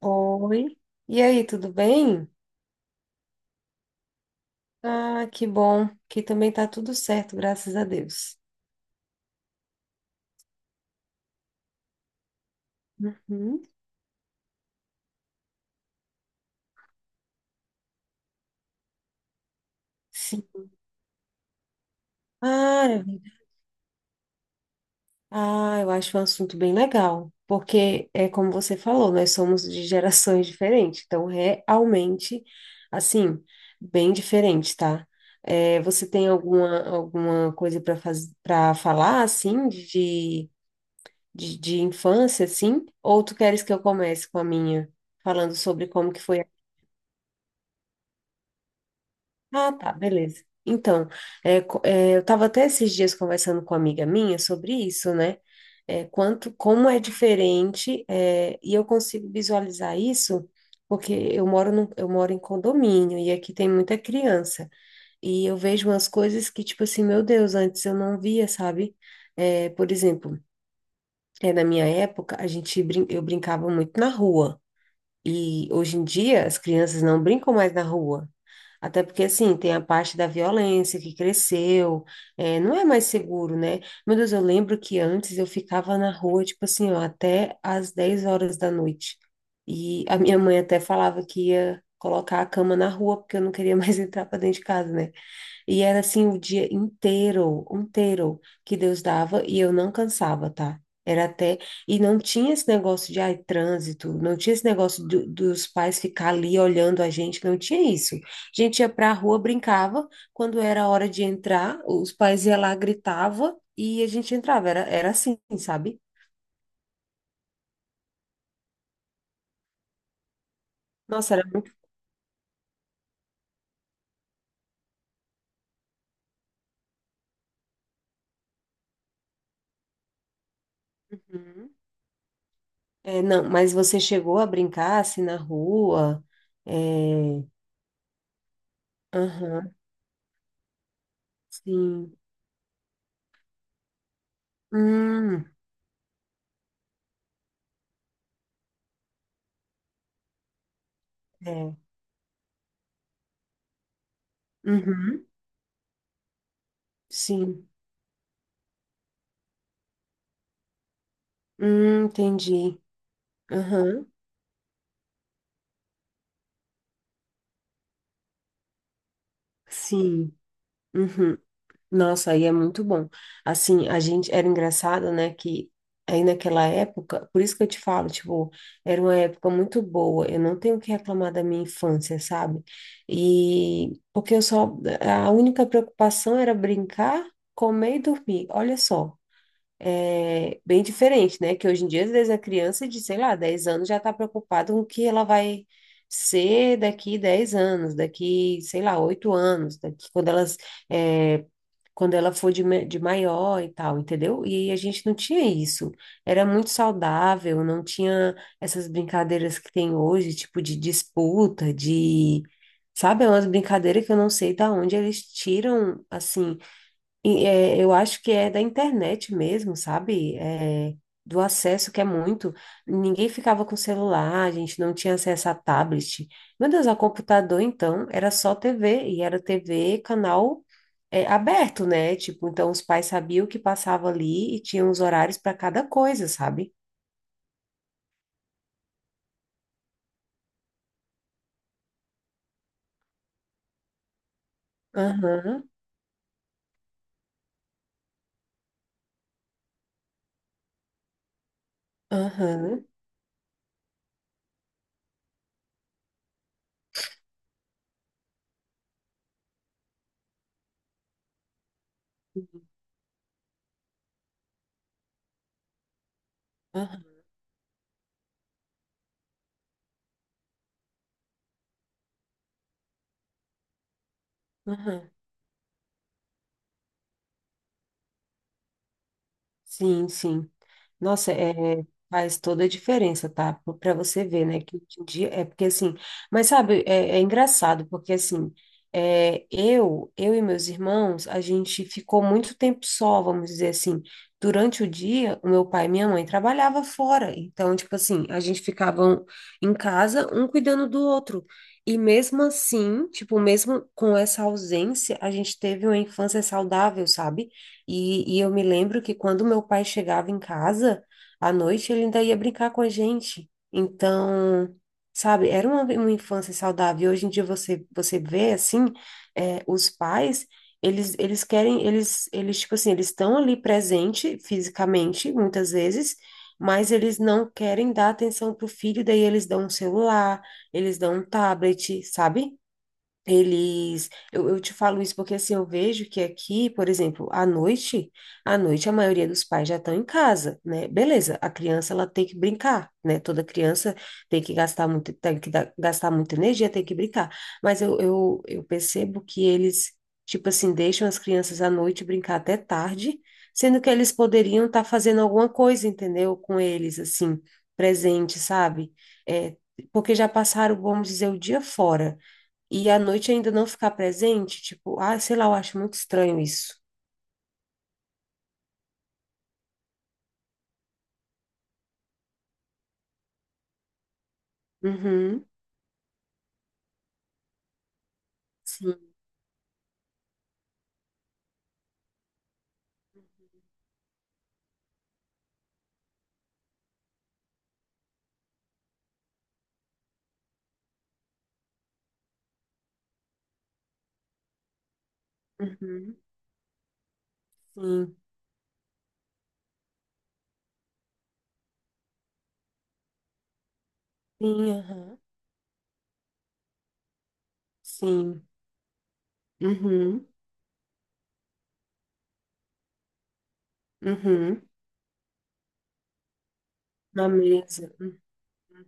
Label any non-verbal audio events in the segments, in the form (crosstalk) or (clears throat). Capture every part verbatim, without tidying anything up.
Oi. E aí, tudo bem? Ah, que bom. Que também tá tudo certo, graças a Deus. Uhum. Sim. Ah, eu ah, eu acho um assunto bem legal, porque é como você falou, nós somos de gerações (laughs) diferentes, então realmente, assim, bem diferente, tá? É, você tem alguma, alguma coisa para faz... para falar, assim, de, de, de infância, assim? Ou tu queres que eu comece com a minha, falando sobre como que foi. Ah, tá, beleza. Então, é, co- é, eu estava até esses dias conversando com uma amiga minha sobre isso, né? É, quanto, como é diferente, é, e eu consigo visualizar isso porque eu moro num- eu moro em condomínio e aqui tem muita criança. E eu vejo umas coisas que, tipo assim, meu Deus, antes eu não via, sabe? É, por exemplo, é, na minha época, a gente brin eu brincava muito na rua. E hoje em dia as crianças não brincam mais na rua. Até porque, assim, tem a parte da violência que cresceu, é, não é mais seguro, né? Meu Deus, eu lembro que antes eu ficava na rua, tipo assim, ó, até às dez horas da noite. E a minha mãe até falava que ia colocar a cama na rua, porque eu não queria mais (laughs) entrar para dentro de casa, né? E era assim o dia inteiro, inteiro que Deus dava e eu não cansava, tá? Era até. E não tinha esse negócio de ai, trânsito, não tinha esse negócio do- dos pais ficar ali olhando a gente, não tinha isso. A gente ia pra rua, brincava, quando era hora de entrar, os pais iam lá, gritava e a gente entrava. Era, era assim, sabe? Nossa, era. Muito. Uhum. É, não, mas você chegou a brincar assim na rua? É. Aham, sim. Hum, é. Uhum, sim. Hum, entendi. Aham, sim. Uhum. Nossa, aí é muito bom. Assim, a gente era engraçado, né, que aí naquela época, por isso que eu te falo, tipo, era uma época muito boa. Eu não tenho o que reclamar da minha infância, sabe? E porque eu só, a única preocupação era brincar, comer e dormir. Olha só. É, bem diferente, né? Que hoje em dia, às vezes, a criança de, sei lá, dez anos já está preocupada com o que ela vai ser daqui dez anos, daqui, sei lá, oito anos, daqui quando elas, é, quando ela for de, ma- de maior e tal, entendeu? E a gente não tinha isso. Era muito saudável, não tinha essas brincadeiras que tem hoje, tipo de disputa, de. Sabe, é umas brincadeiras que eu não sei da onde eles tiram, assim, e, é, eu acho que é da internet mesmo, sabe? É, do acesso que é muito. Ninguém ficava com celular, a gente não tinha acesso a tablet. Meu Deus, a computador, então, era só T V, e era T V, canal, é, aberto, né? Tipo, então os pais sabiam o que passava ali e tinham os horários para cada coisa, sabe? Aham, aham, aham, aham. Sim, sim. Nossa, é, faz toda a diferença, tá? Para você ver, né? Que hoje em dia é porque assim, mas sabe, é, é engraçado, porque assim, é, eu, eu e meus irmãos, a gente ficou muito tempo só, vamos dizer assim. Durante o dia, o meu pai e minha mãe trabalhava fora, então, tipo assim, a gente ficava um- em casa, um cuidando do outro. E mesmo assim, tipo, mesmo com essa ausência, a gente teve uma infância saudável, sabe? E, e eu me lembro que quando meu pai chegava em casa, à noite ele ainda ia brincar com a gente. Então, sabe, era uma, uma infância saudável. E hoje em dia você, você vê, assim, é, os pais, eles, eles querem, eles, eles, tipo assim, eles estão ali presente fisicamente, muitas vezes, mas eles não querem dar atenção pro filho, daí eles dão um celular, eles dão um tablet, sabe? Eles, eu, eu te falo isso porque assim, eu vejo que aqui, por exemplo, à noite, à noite a maioria dos pais já estão em casa, né? Beleza, a criança ela tem que brincar, né? Toda criança tem que gastar muito, tem que dar- gastar muita energia, tem que brincar. Mas eu, eu, eu percebo que eles, tipo assim, deixam as crianças à noite brincar até tarde, sendo que eles poderiam estar fazendo alguma coisa, entendeu? Com eles, assim, presente, sabe? É, porque já passaram, vamos dizer, o dia fora. E à noite ainda não ficar presente, tipo, ah, sei lá, eu acho muito estranho isso. Uhum, sim, uhum, sim, sim, aham, sim, uhum, uhum, na mesa,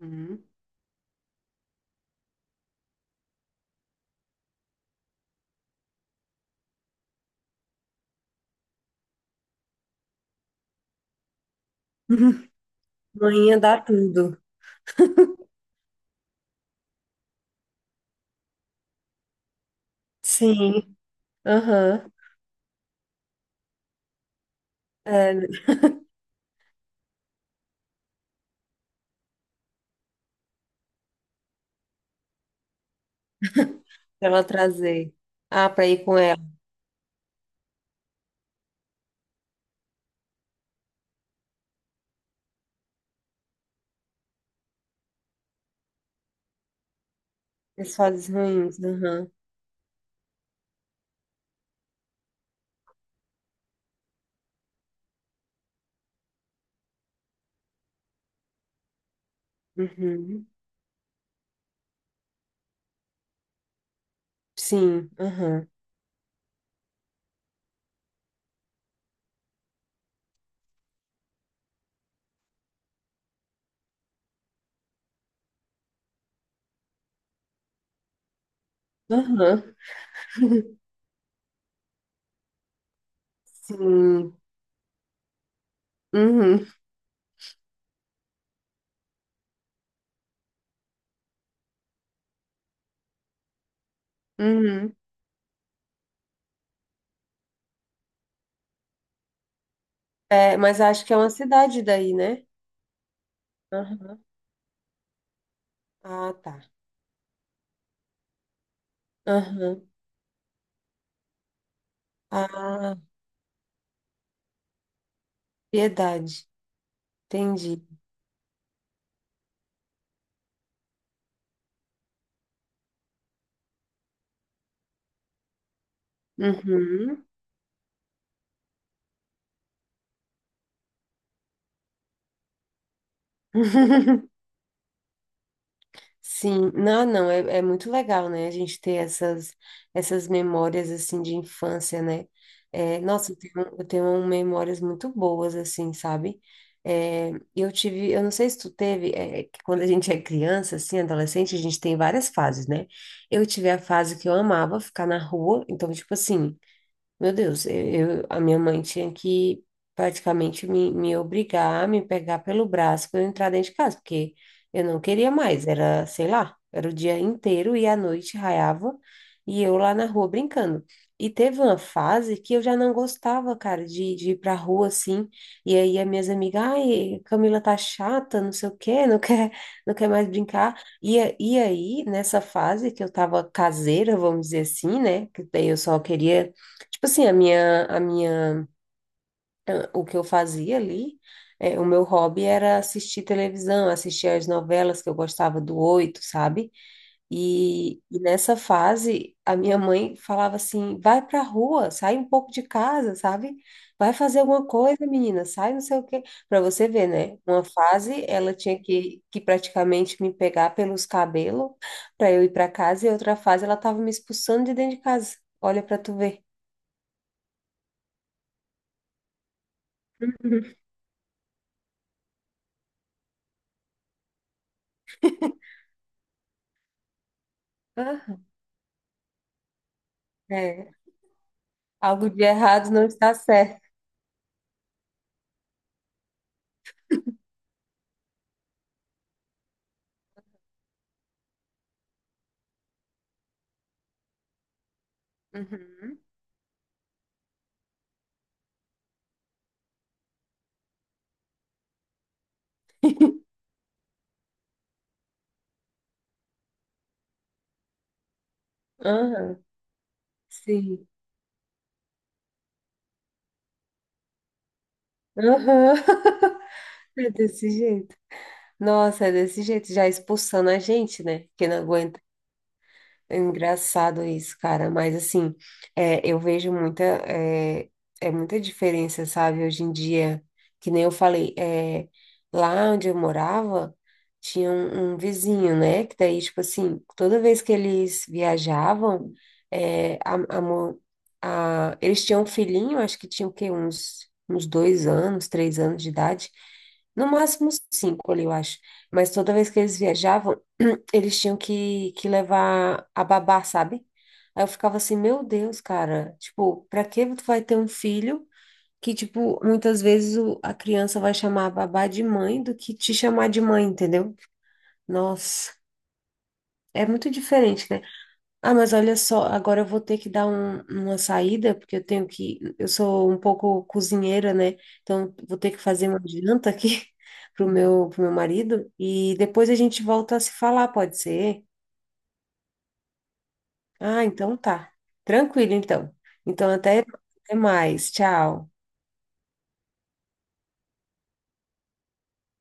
uhum. (laughs) Manhã dá tudo. Sim, aham, é, pra ela trazer. Ah, pra ir com ela. Pessoas ruins, aham, uhum, sim, aham, aham, sim, uhum, uhum. É, mas acho que é uma cidade daí, né? Aham. Ah, tá. Aham. Ah, piedade. Entendi. Uhum. (laughs) Sim. Não, não, é, é muito legal, né? A gente ter essas, essas memórias, assim, de infância, né? É, nossa, eu tenho, eu tenho memórias muito boas, assim, sabe? É, eu tive, eu não sei se tu teve, é, que quando a gente é criança, assim, adolescente, a gente tem várias fases, né? Eu tive a fase que eu amava ficar na rua, então, tipo assim... Meu Deus, eu, eu- a minha mãe tinha que praticamente me, me obrigar, me pegar pelo braço para eu entrar dentro de casa, porque eu não queria mais, era, sei lá, era o dia inteiro e à noite raiava e eu lá na rua brincando. E teve uma fase que eu já não gostava, cara, de, de ir pra rua assim, e aí as minhas amigas, ai, Camila tá chata, não sei o quê, não quer, não quer mais brincar. E, a- e aí, nessa fase que eu tava caseira, vamos dizer assim, né, que daí eu só queria. Tipo assim, a minha, a minha, o que eu fazia ali, é, o meu hobby era assistir televisão, assistir as novelas que eu gostava do Oito, sabe? E, e nessa fase, a minha mãe falava assim, vai pra rua, sai um pouco de casa, sabe? Vai fazer alguma coisa, menina, sai não sei o quê. Pra você ver, né? Uma fase, ela tinha que, que praticamente me pegar pelos cabelos pra eu ir pra casa, e outra fase, ela tava me expulsando de dentro de casa. Olha pra tu ver. (laughs) Ah, é. Algo de errado não está certo. Uhum. Aham, sim. Aham, (laughs) é desse jeito. Nossa, é desse jeito, já expulsando a gente, né? Que não aguenta. É engraçado isso, cara, mas assim, é, eu vejo muita, é, é muita diferença, sabe? Hoje em dia, que nem eu falei, é, lá onde eu morava, tinha um, um vizinho, né? Que daí, tipo assim, toda vez que eles viajavam, é, a, a, mo- a- eles tinham um filhinho, acho que tinha o quê? Uns, uns dois anos, três anos de idade, no máximo cinco ali, eu acho. Mas toda vez que eles viajavam, (clears throat) eles tinham que, que levar a babá, sabe? Aí eu ficava assim, meu Deus, cara, tipo, pra que tu vai ter um filho que, tipo, muitas vezes o- a criança vai chamar a babá de mãe do que te chamar de mãe, entendeu? Nossa, é muito diferente, né? Ah, mas olha só, agora eu vou ter que dar um- uma saída, porque eu tenho que, eu sou um pouco cozinheira, né? Então, vou ter que fazer uma janta aqui (laughs) pro meu, pro meu marido e depois a gente volta a se falar, pode ser? Ah, então tá. Tranquilo, então. Então, até até mais. Tchau.